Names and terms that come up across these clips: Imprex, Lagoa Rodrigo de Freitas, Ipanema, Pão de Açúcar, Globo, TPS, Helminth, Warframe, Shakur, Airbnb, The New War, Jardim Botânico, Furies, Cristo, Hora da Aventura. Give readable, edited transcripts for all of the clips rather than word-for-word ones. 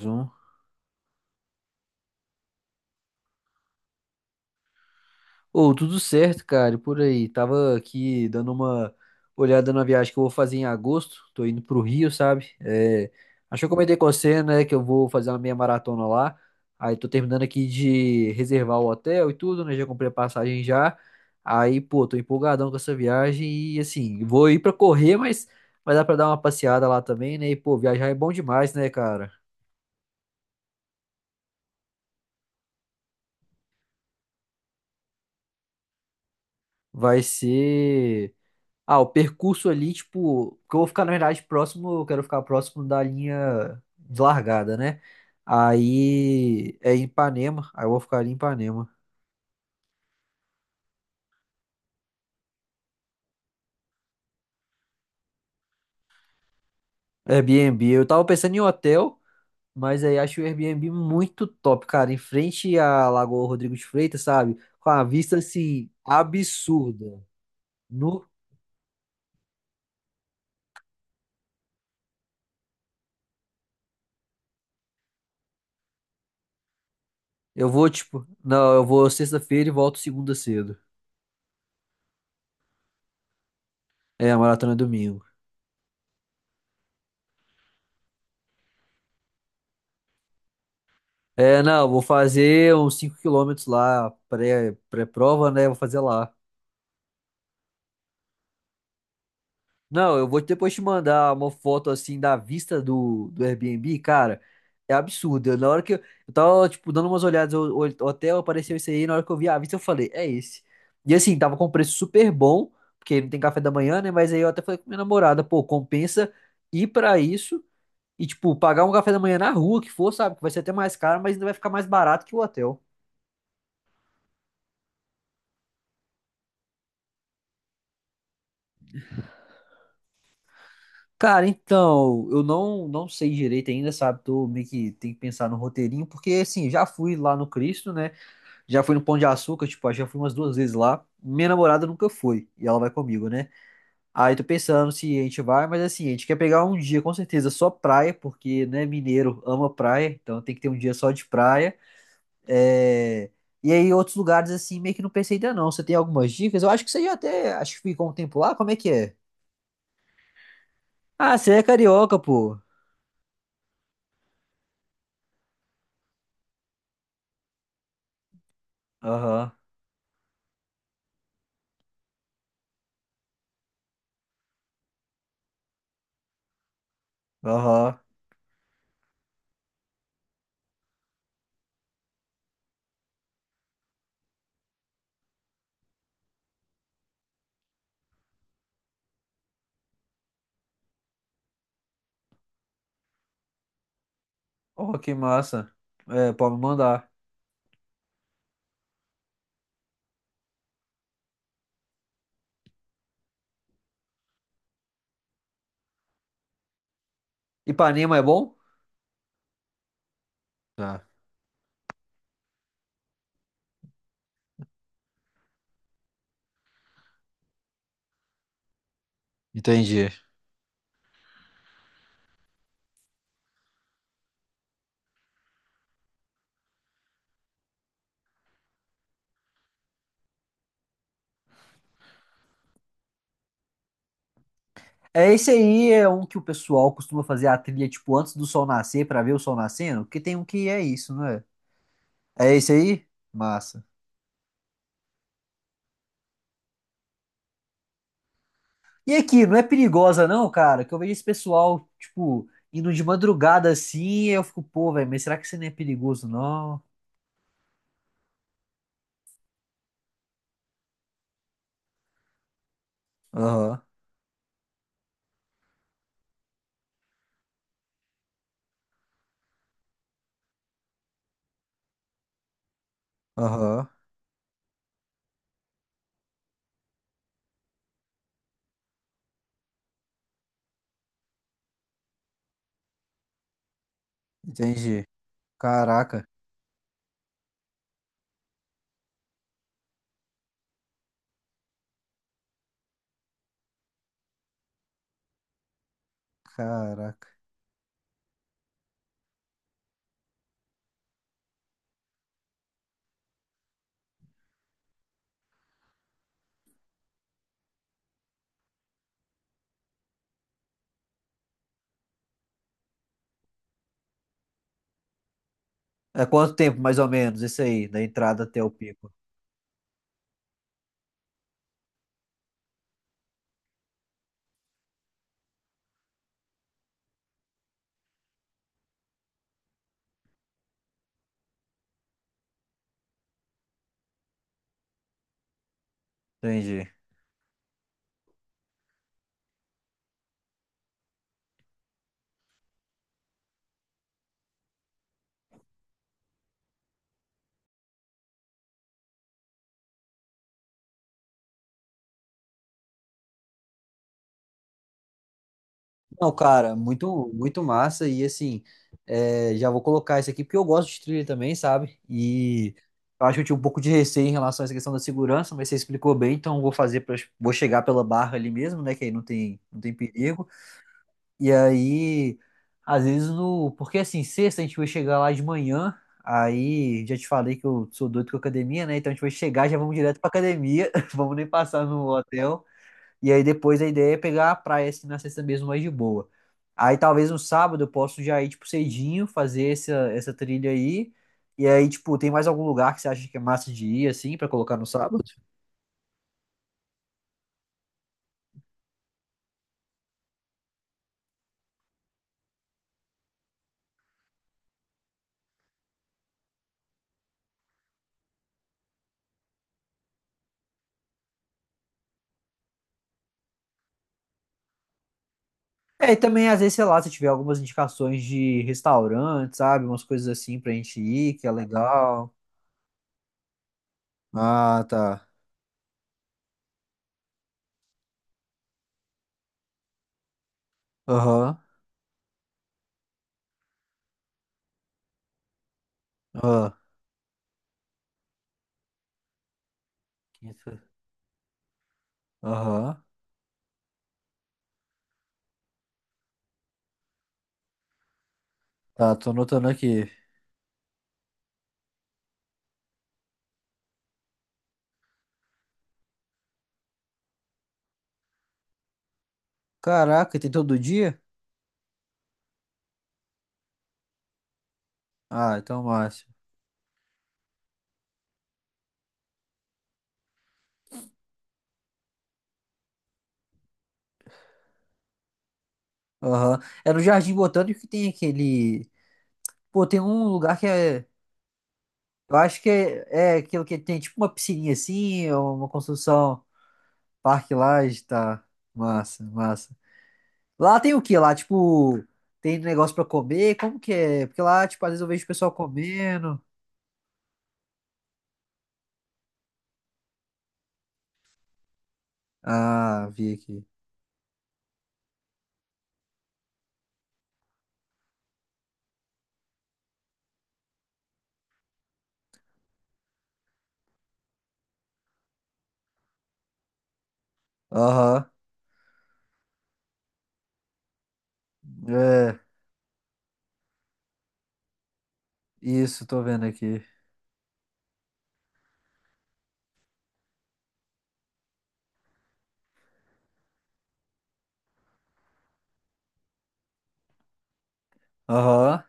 um Ô, tudo certo, cara, e por aí. Tava aqui dando uma olhada na viagem que eu vou fazer em agosto. Tô indo pro Rio, sabe? Acho que eu comentei com você, né, que eu vou fazer uma meia maratona lá. Aí tô terminando aqui de reservar o hotel e tudo, né? Já comprei a passagem já. Aí, pô, tô empolgadão com essa viagem e assim, vou ir pra correr, mas vai dar pra dar uma passeada lá também, né? E, pô, viajar é bom demais, né, cara? Vai ser. Ah, o percurso ali, tipo, que eu vou ficar, na verdade, próximo, eu quero ficar próximo da linha de largada, né? Aí é em Ipanema, aí eu vou ficar ali em Ipanema. Airbnb, eu tava pensando em hotel, mas aí acho o Airbnb muito top, cara, em frente à Lagoa Rodrigo de Freitas, sabe? Com a vista, assim, absurda. No, eu vou, tipo, não, eu vou sexta-feira e volto segunda cedo. É, a maratona é domingo. É, não, vou fazer uns 5 km lá, pré-prova, né? Vou fazer lá. Não, eu vou depois te mandar uma foto assim da vista do, do Airbnb, cara. É absurdo. Na hora que eu tava, tipo, dando umas olhadas, o hotel apareceu isso aí, na hora que eu vi a vista, eu falei, é esse. E assim, tava com preço super bom, porque não tem café da manhã, né? Mas aí eu até falei com minha namorada, pô, compensa ir pra isso e, tipo, pagar um café da manhã na rua que for, sabe? Que vai ser até mais caro, mas ainda vai ficar mais barato que o hotel. Cara, então, eu não sei direito ainda, sabe? Tô meio que tem que pensar no roteirinho, porque assim, já fui lá no Cristo, né? Já fui no Pão de Açúcar, tipo, acho que já fui umas duas vezes lá. Minha namorada nunca foi, e ela vai comigo, né? Aí tô pensando se a gente vai, mas assim, a gente quer pegar um dia com certeza só praia, porque, né, mineiro ama praia, então tem que ter um dia só de praia. É... E aí outros lugares assim, meio que não pensei ainda não. Você tem algumas dicas? Eu acho que você já até, acho que ficou um tempo lá, como é que é? Ah, você é carioca, pô. Aham. Aham. Oh, que massa. É, pode me mandar. Ipanema é bom? Tá. Entendi. É, esse aí é um que o pessoal costuma fazer a trilha, tipo, antes do sol nascer, pra ver o sol nascendo, porque tem um que é isso, não é? É esse aí? Massa. E aqui, não é perigosa não, cara? Que eu vejo esse pessoal, tipo, indo de madrugada assim, e eu fico, pô, velho, mas será que isso não é perigoso, não? Aham, aham, entendi. Caraca, caraca. É quanto tempo, mais ou menos, esse aí, da entrada até o pico? Entendi. Não, cara, muito, muito massa. E assim, é, já vou colocar isso aqui porque eu gosto de trilha também, sabe? E eu acho que eu tinha um pouco de receio em relação a essa questão da segurança, mas você explicou bem, então eu vou fazer, pra, vou chegar pela barra ali mesmo, né? Que aí não tem, não tem perigo. E aí, às vezes no. Porque assim, sexta a gente vai chegar lá de manhã, aí já te falei que eu sou doido com academia, né? Então a gente vai chegar, já vamos direto pra academia, vamos nem passar no hotel. E aí depois a ideia é pegar a praia assim na sexta mesmo mais de boa. Aí talvez no sábado eu posso já ir tipo cedinho, fazer essa trilha aí. E aí, tipo, tem mais algum lugar que você acha que é massa de ir assim pra colocar no sábado? É, e também às vezes, sei lá, se tiver algumas indicações de restaurante, sabe? Umas coisas assim pra gente ir, que é legal. Ah, tá. Aham. Aham. Quinta. Aham. Tá, tô anotando aqui. Caraca, tem todo dia? Ah, então massa. Aham. É no Jardim Botânico que tem aquele. Pô, tem um lugar que é. Eu acho que é, é aquilo que tem tipo uma piscininha assim, ou uma construção, parque lá, tá. Massa, massa. Lá tem o quê? Lá, tipo, tem negócio pra comer? Como que é? Porque lá, tipo, às vezes eu vejo o pessoal comendo. Ah, vi aqui. Aham. É, isso, tô vendo aqui. Aham.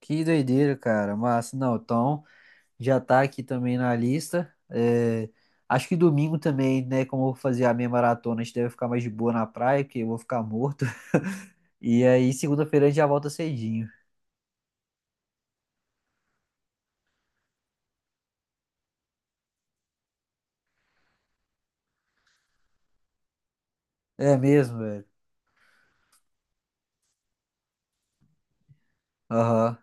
Que doideira, cara. Massa, não, então. Já tá aqui também na lista. É, acho que domingo também, né? Como eu vou fazer a minha maratona, a gente deve ficar mais de boa na praia, porque eu vou ficar morto. E aí, segunda-feira, a gente já volta cedinho. É mesmo, velho. Aham.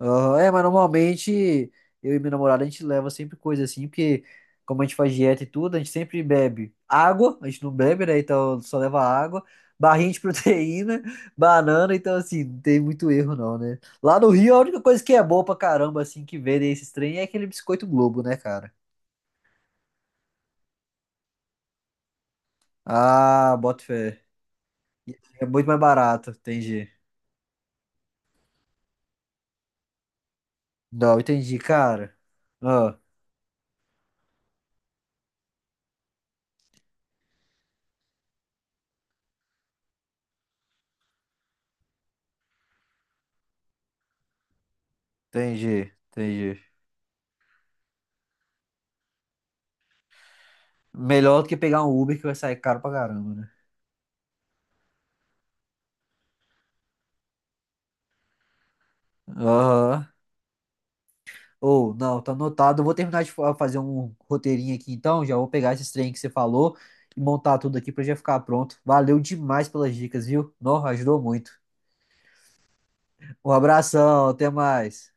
Aham, é, mas normalmente eu e minha namorada a gente leva sempre coisa assim, porque como a gente faz dieta e tudo, a gente sempre bebe água, a gente não bebe, né? Então só leva água, barrinha de proteína, banana, então assim, não tem muito erro não, né? Lá no Rio a única coisa que é boa pra caramba, assim, que vendem esses trem é aquele biscoito Globo, né, cara? Ah, bota fé. É muito mais barato, entendi. Não, entendi, cara. Ah, entendi, entendi. Melhor do que pegar um Uber que vai sair caro pra caramba, né? Aham. Ou, não, tá anotado. Eu vou terminar de fazer um roteirinho aqui então. Já vou pegar esses trem que você falou e montar tudo aqui pra já ficar pronto. Valeu demais pelas dicas, viu? Não, ajudou muito. Um abração, até mais.